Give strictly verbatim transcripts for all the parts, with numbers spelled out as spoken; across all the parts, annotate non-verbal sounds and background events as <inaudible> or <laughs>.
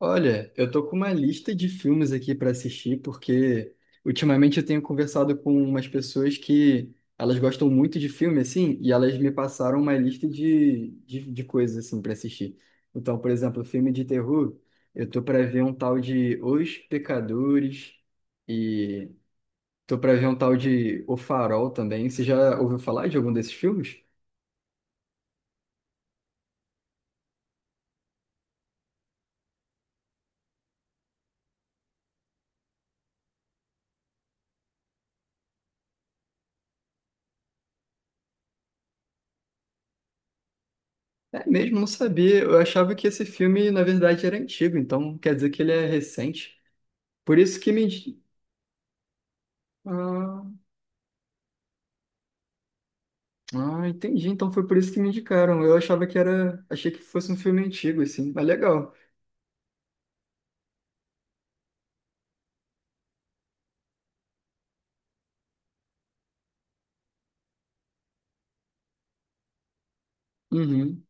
Olha, eu tô com uma lista de filmes aqui para assistir, porque ultimamente eu tenho conversado com umas pessoas que elas gostam muito de filme, assim, e elas me passaram uma lista de, de, de coisas, assim, para assistir. Então, por exemplo, filme de terror, eu tô para ver um tal de Os Pecadores e tô para ver um tal de O Farol também. Você já ouviu falar de algum desses filmes? É mesmo, não sabia. Eu achava que esse filme, na verdade, era antigo, então quer dizer que ele é recente. Por isso que me. Indi- Ah, ah, entendi. Então foi por isso que me indicaram. Eu achava que era. Achei que fosse um filme antigo, assim. Mas legal. Uhum,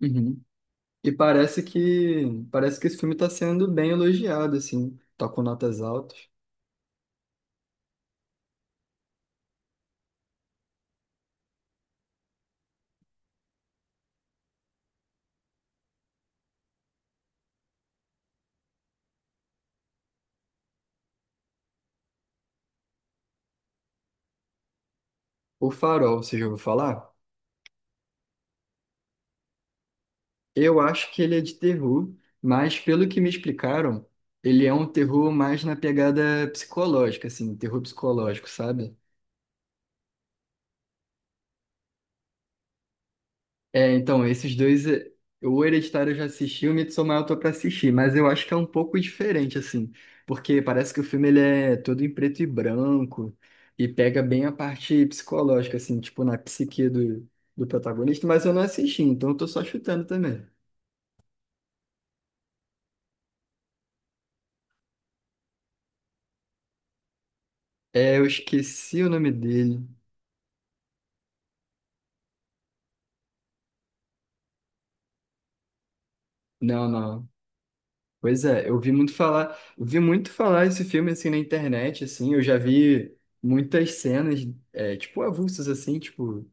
uhum. E parece que. Parece que esse filme está sendo bem elogiado, assim. Tá com notas altas. O Farol, você já ouviu falar? Eu acho que ele é de terror, mas pelo que me explicaram, ele é um terror mais na pegada psicológica, assim, terror psicológico, sabe? É, então, esses dois, é, o Hereditário eu já assisti, o Midsommar eu tô pra assistir, mas eu acho que é um pouco diferente, assim, porque parece que o filme ele é todo em preto e branco e pega bem a parte psicológica, assim, tipo na psique do, do protagonista, mas eu não assisti, então eu tô só chutando também. É, eu esqueci o nome dele. Não, não. Pois é, eu vi muito falar, eu vi muito falar esse filme, assim, na internet, assim, eu já vi muitas cenas, é, tipo, avulsas, assim, tipo.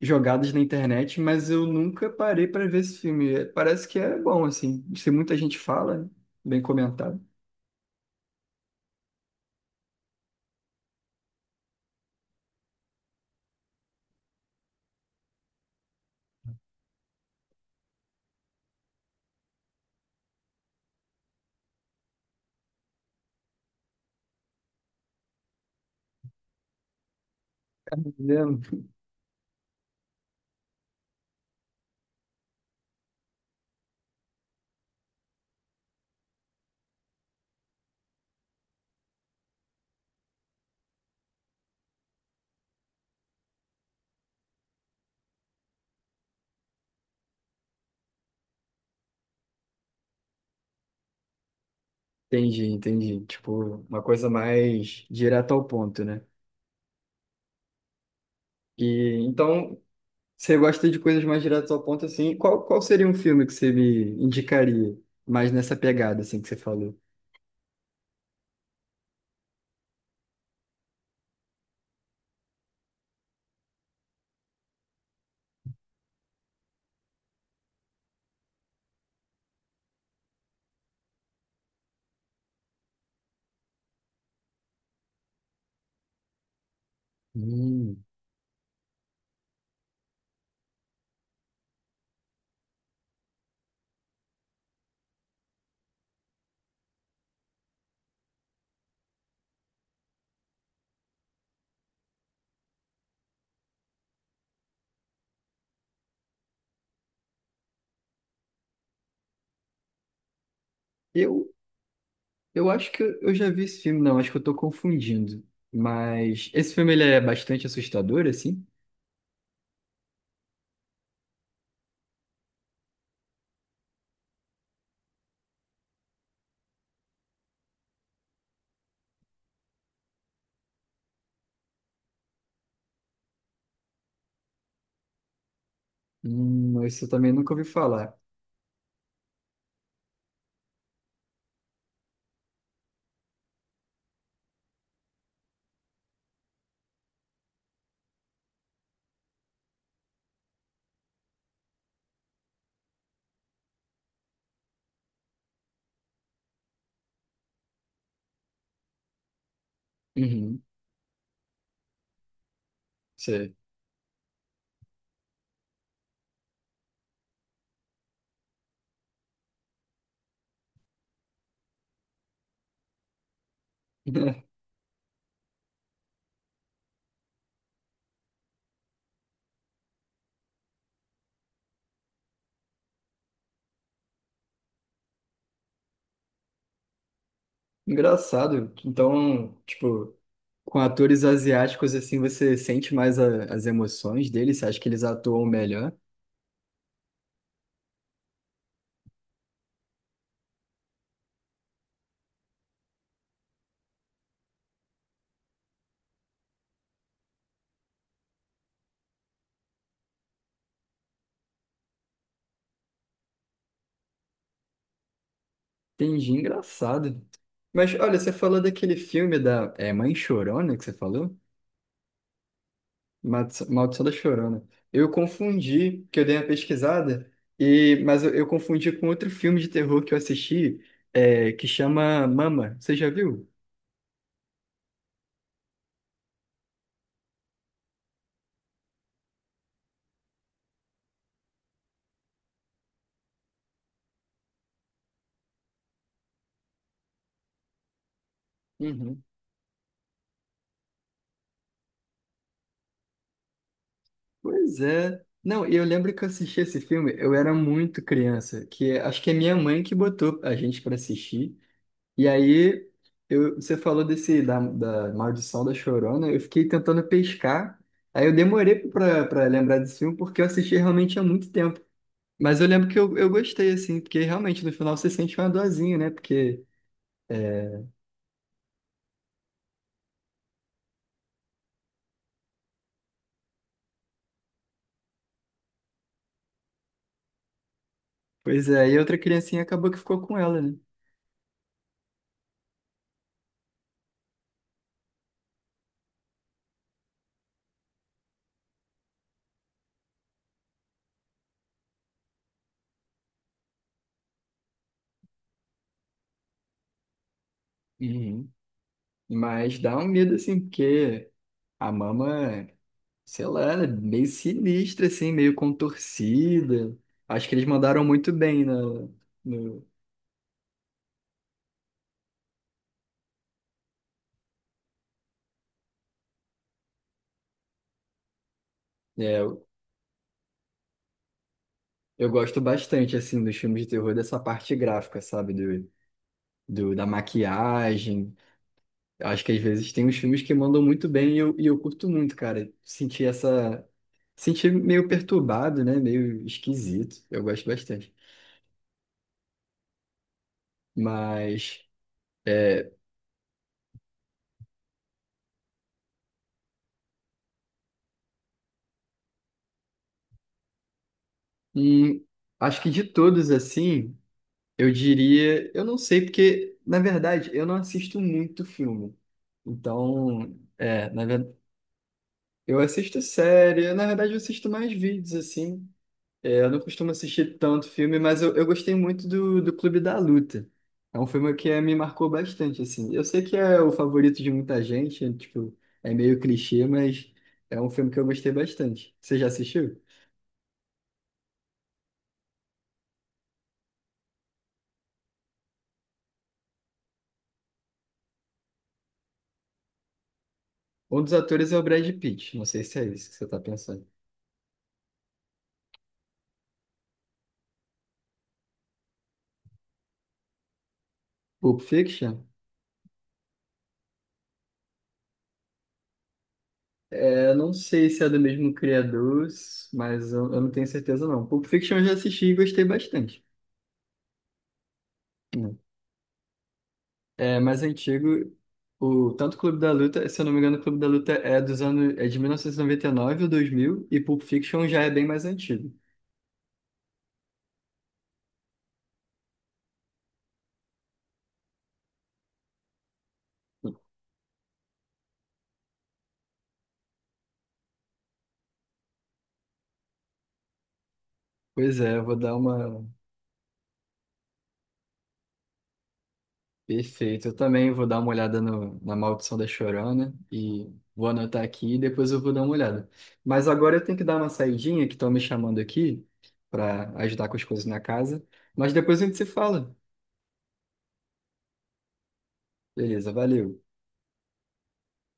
Jogadas na internet, mas eu nunca parei para ver esse filme. É, parece que é bom, assim. Se muita gente fala, né? Bem comentado. Entendeu? Entendi, entendi. Tipo, uma coisa mais direta ao ponto, né? E então, você gosta de coisas mais diretas ao ponto, assim. Qual, qual seria um filme que você me indicaria mais nessa pegada, assim, que você falou? Hum. Eu, eu acho que eu eu já vi esse filme, não, acho que eu tô confundindo. Mas esse filme ele é bastante assustador, assim? Hum, isso eu também nunca ouvi falar. Uhum, sei. <laughs> Engraçado. Então, tipo, com atores asiáticos, assim, você sente mais a- as emoções deles, você acha que eles atuam melhor? Entendi, engraçado. Mas, olha, você falou daquele filme da é, Mãe Chorona que você falou? Maldi- Maldição da Chorona. Eu confundi, que eu dei uma pesquisada, e, mas eu, eu confundi com outro filme de terror que eu assisti, é, que chama Mama. Você já viu? Pois é. Não, e eu lembro que eu assisti esse filme, eu era muito criança, que é- acho que é minha mãe que botou a gente pra assistir. E aí eu, você falou desse da, da Maldição da Chorona, eu fiquei tentando pescar. Aí eu demorei pra pra lembrar desse filme porque eu assisti realmente há muito tempo. Mas eu lembro que eu, eu gostei, assim, porque realmente no final você sente uma dorzinha, né? Porque, é, pois é, e outra criancinha acabou que ficou com ela, né? Uhum. Mas dá um medo, assim, porque a mama. Sei lá, né, meio sinistra, assim, meio contorcida. Acho que eles mandaram muito bem na, no, é, eu eu gosto bastante, assim, dos filmes de terror, dessa parte gráfica, sabe? Do, do, da maquiagem. Acho que às vezes tem uns filmes que mandam muito bem e eu, e eu curto muito, cara. Sentir essa... Sentir meio perturbado, né? Meio esquisito. Eu gosto bastante. Mas, é, hum, acho que de todos, assim... Eu diria, eu não sei, porque, na verdade, eu não assisto muito filme. Então, é, na verdade, eu assisto série, na verdade, eu assisto mais vídeos, assim. É, eu não costumo assistir tanto filme, mas eu, eu gostei muito do, do Clube da Luta. É um filme que eh, me marcou bastante, assim. Eu sei que é o favorito de muita gente, é, tipo, é meio clichê, mas é um filme que eu gostei bastante. Você já assistiu? Um dos atores é o Brad Pitt, não sei se é isso que você está pensando. Pulp Fiction? Eu não sei se é do mesmo criador, mas eu, eu não tenho certeza não. Pulp Fiction eu já assisti e gostei bastante. Hum. É mais antigo, o tanto Clube da Luta, se eu não me engano, o Clube da Luta é dos anos, é de mil novecentos e noventa e nove ou dois mil e Pulp Fiction já é bem mais antigo. Pois é, eu vou dar uma perfeito. Eu também vou dar uma olhada no, na Maldição da Chorona, né, e vou anotar aqui e depois eu vou dar uma olhada. Mas agora eu tenho que dar uma saidinha que estão me chamando aqui para ajudar com as coisas na casa. Mas depois a gente se fala. Beleza, valeu.